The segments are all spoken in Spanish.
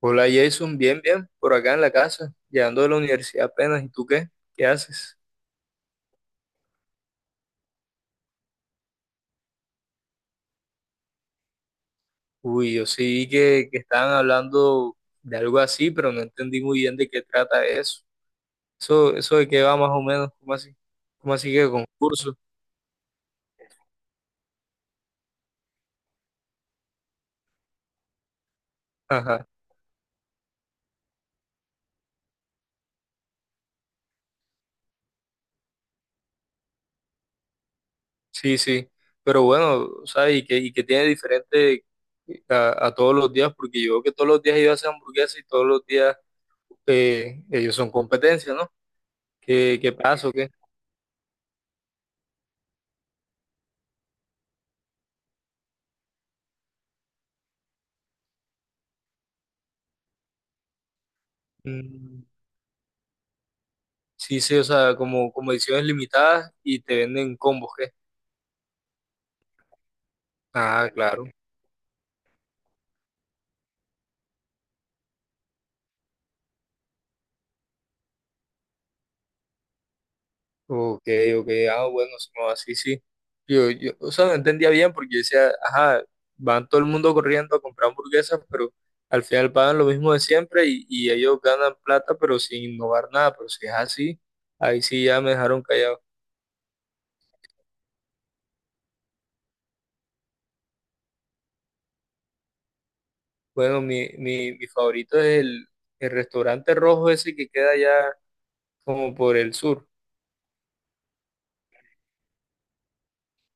Hola Jason, bien, bien, por acá en la casa, llegando de la universidad apenas. ¿Y tú qué? ¿Qué haces? Uy, yo sí vi que estaban hablando de algo así, pero no entendí muy bien de qué trata eso. Eso de qué va más o menos, ¿cómo así? ¿Cómo así que concurso? Ajá, sí, sí. Pero bueno, ¿sabes? Y que tiene diferente a todos los días, porque yo veo que todos los días ellos hacen hamburguesas y todos los días ellos son competencia, ¿no? ¿Qué pasa o qué? Mm, sí, sí, o sea, como ediciones limitadas y te venden combos, ¿qué? Ah, claro. Ok, ok, ah, bueno, sí, no, así sí. Yo, o sea, no entendía bien porque yo decía, ajá, van todo el mundo corriendo a comprar hamburguesas, pero al final pagan lo mismo de siempre y ellos ganan plata, pero sin innovar nada. Pero si es así, ahí sí ya me dejaron callado. Bueno, mi favorito es el restaurante rojo ese que queda allá como por el sur.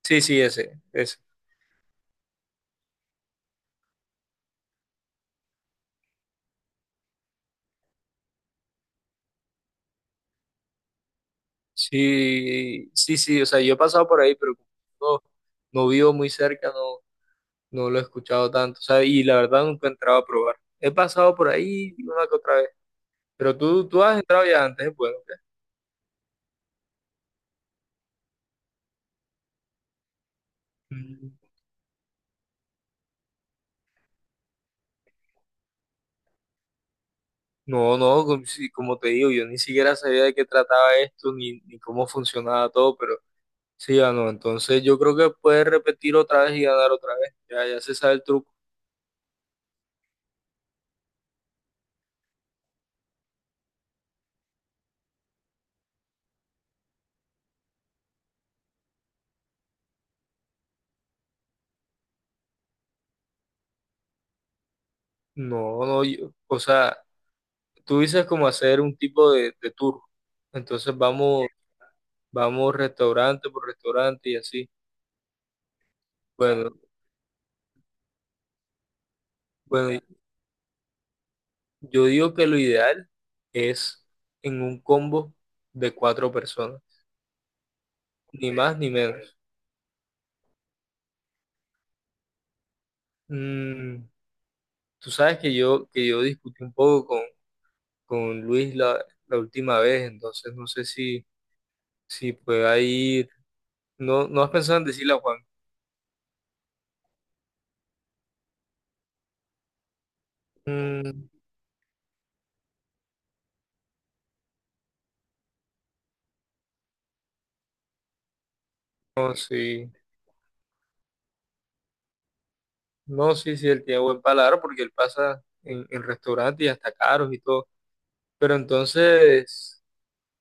Sí, sí, ese, ese. Sí, sí, sí, o sea, yo he pasado por ahí, pero como no, no vivo muy cerca, no, no lo he escuchado tanto, o sea, y la verdad nunca he entrado a probar. He pasado por ahí una que otra vez, pero tú has entrado ya antes, ¿eh? Bueno, ¿qué? Mm, no, no, como, sí, como te digo, yo ni siquiera sabía de qué trataba esto, ni cómo funcionaba todo, pero sí ganó, entonces yo creo que puedes repetir otra vez y ganar otra vez, ya, ya se sabe el truco. No, no, o sea, tú dices como hacer un tipo de tour, entonces vamos. Vamos restaurante por restaurante y así. Bueno, bueno, bueno, yo digo que lo ideal es en un combo de cuatro personas, ni más ni menos. Mm, tú sabes que yo discutí un poco con Luis la última vez, entonces no sé si pueda ir. No, no has pensado en decirle a Juan. Mm, no, sí. No, sí, sí, él tiene buen paladar porque él pasa en restaurantes y hasta caros y todo. Pero entonces.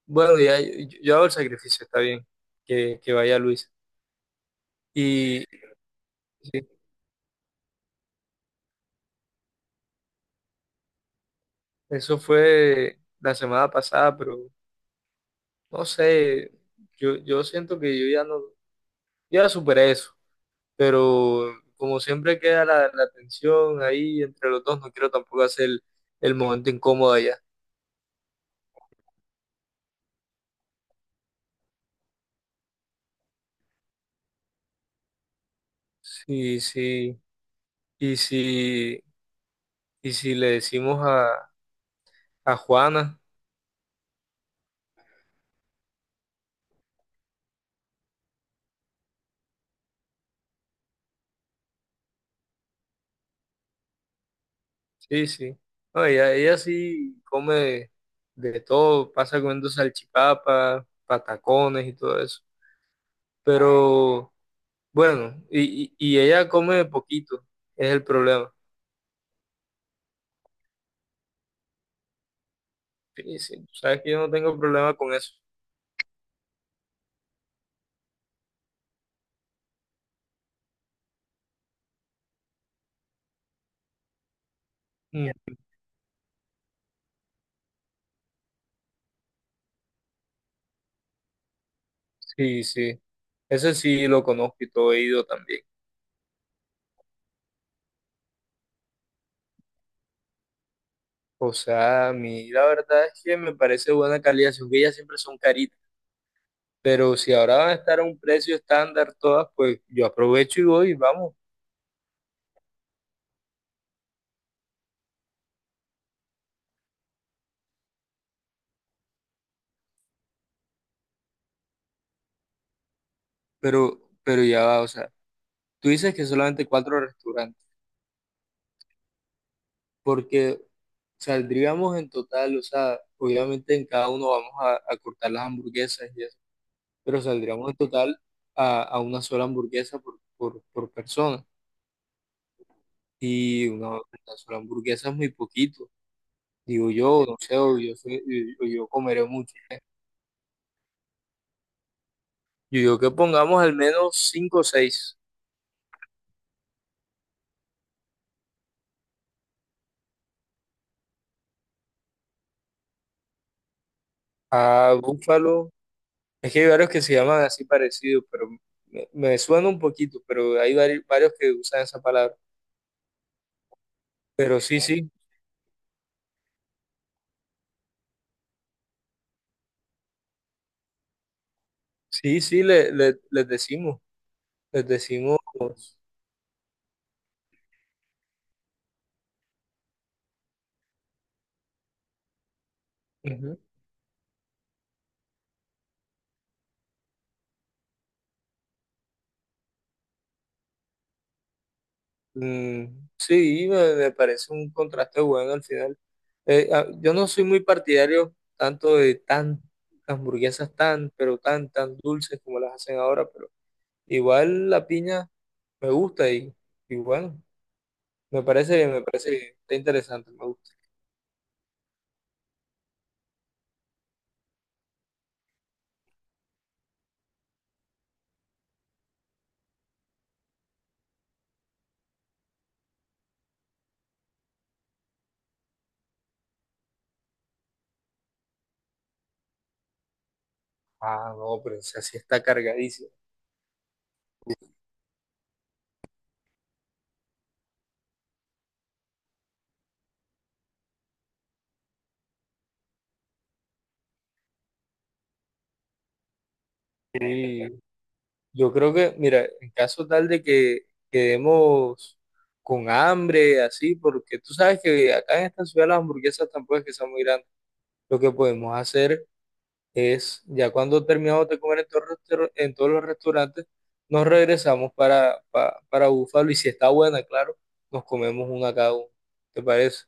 Bueno, ya, yo hago el sacrificio, está bien, que vaya Luis. Y sí, eso fue la semana pasada, pero no sé, yo siento que yo ya no, yo ya superé eso, pero como siempre queda la tensión ahí entre los dos, no quiero tampoco hacer el momento incómodo allá. Sí, sí, y si, y si le decimos a Juana. Sí, sí. No, ella sí come de todo, pasa comiendo salchipapas, patacones y todo eso. Pero bueno, y ella come poquito, es el problema. Sí, sí. Tú sabes que yo no tengo problema con eso. Mm, sí, sí. Ese sí lo conozco y todo he ido también. O sea, a mí la verdad es que me parece buena calidad, aunque ellas siempre son caritas. Pero si ahora van a estar a un precio estándar todas, pues yo aprovecho y voy, vamos. Pero ya va, o sea. Tú dices que solamente cuatro restaurantes, porque saldríamos en total, o sea, obviamente en cada uno vamos a cortar las hamburguesas y eso, pero saldríamos en total a una sola hamburguesa por persona. Y una sola hamburguesa es muy poquito. Digo yo, no sé, o yo, soy- yo comeré mucho. Yo digo que pongamos al menos cinco o seis. A Búfalo. Es que hay varios que se llaman así parecido, pero me suena un poquito, pero hay varios que usan esa palabra. Pero sí, sí. Sí, sí, les decimos, les decimos. Ujú. Mm, sí, me parece un contraste bueno al final. Ah, yo no soy muy partidario tanto de tan hamburguesas tan, pero tan, tan dulces como las hacen ahora, pero igual la piña me gusta y bueno, me parece bien, está interesante, me gusta. Ah, no, pero esa sí está cargadísima. Sí, yo creo que, mira, en caso tal de que quedemos con hambre, así, porque tú sabes que acá en esta ciudad las hamburguesas tampoco es que sean muy grandes. Lo que podemos hacer es, ya cuando terminamos de comer en todos los restaurantes, nos regresamos para Búfalo y si está buena, claro, nos comemos una cada uno. ¿Te parece?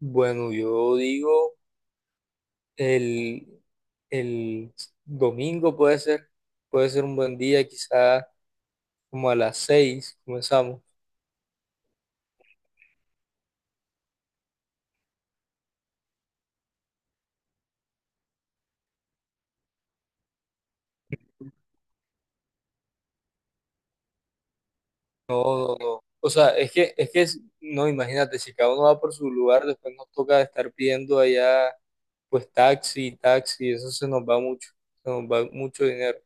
Bueno, yo digo, el, el domingo puede ser un buen día, quizás. Como a las seis comenzamos. No, no, no. O sea, es que, no, imagínate, si cada uno va por su lugar, después nos toca estar pidiendo allá, pues taxi, taxi, eso se nos va mucho, se nos va mucho dinero.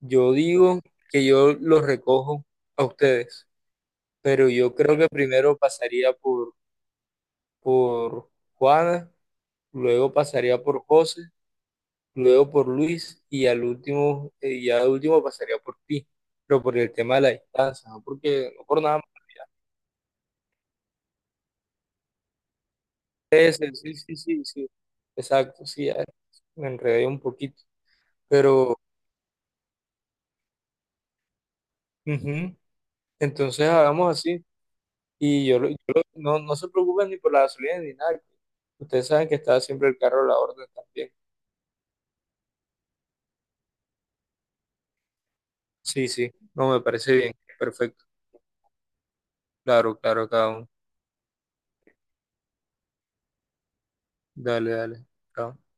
Yo digo que yo los recojo a ustedes, pero yo creo que primero pasaría por Juana, luego pasaría por José, luego por Luis y al último, ya al último pasaría por ti, pero por el tema de la distancia, no porque, no por nada. Ese, sí, sí, sí, sí. Exacto, sí, ya me enredé un poquito. Pero, ujú, entonces hagamos así. Y yo, no, no se preocupen ni por la gasolina ni nada. Ustedes saben que está siempre el carro a la orden también. Sí, sí, no me parece bien. Perfecto. Claro, claro, cada uno. Dale, dale. Chao.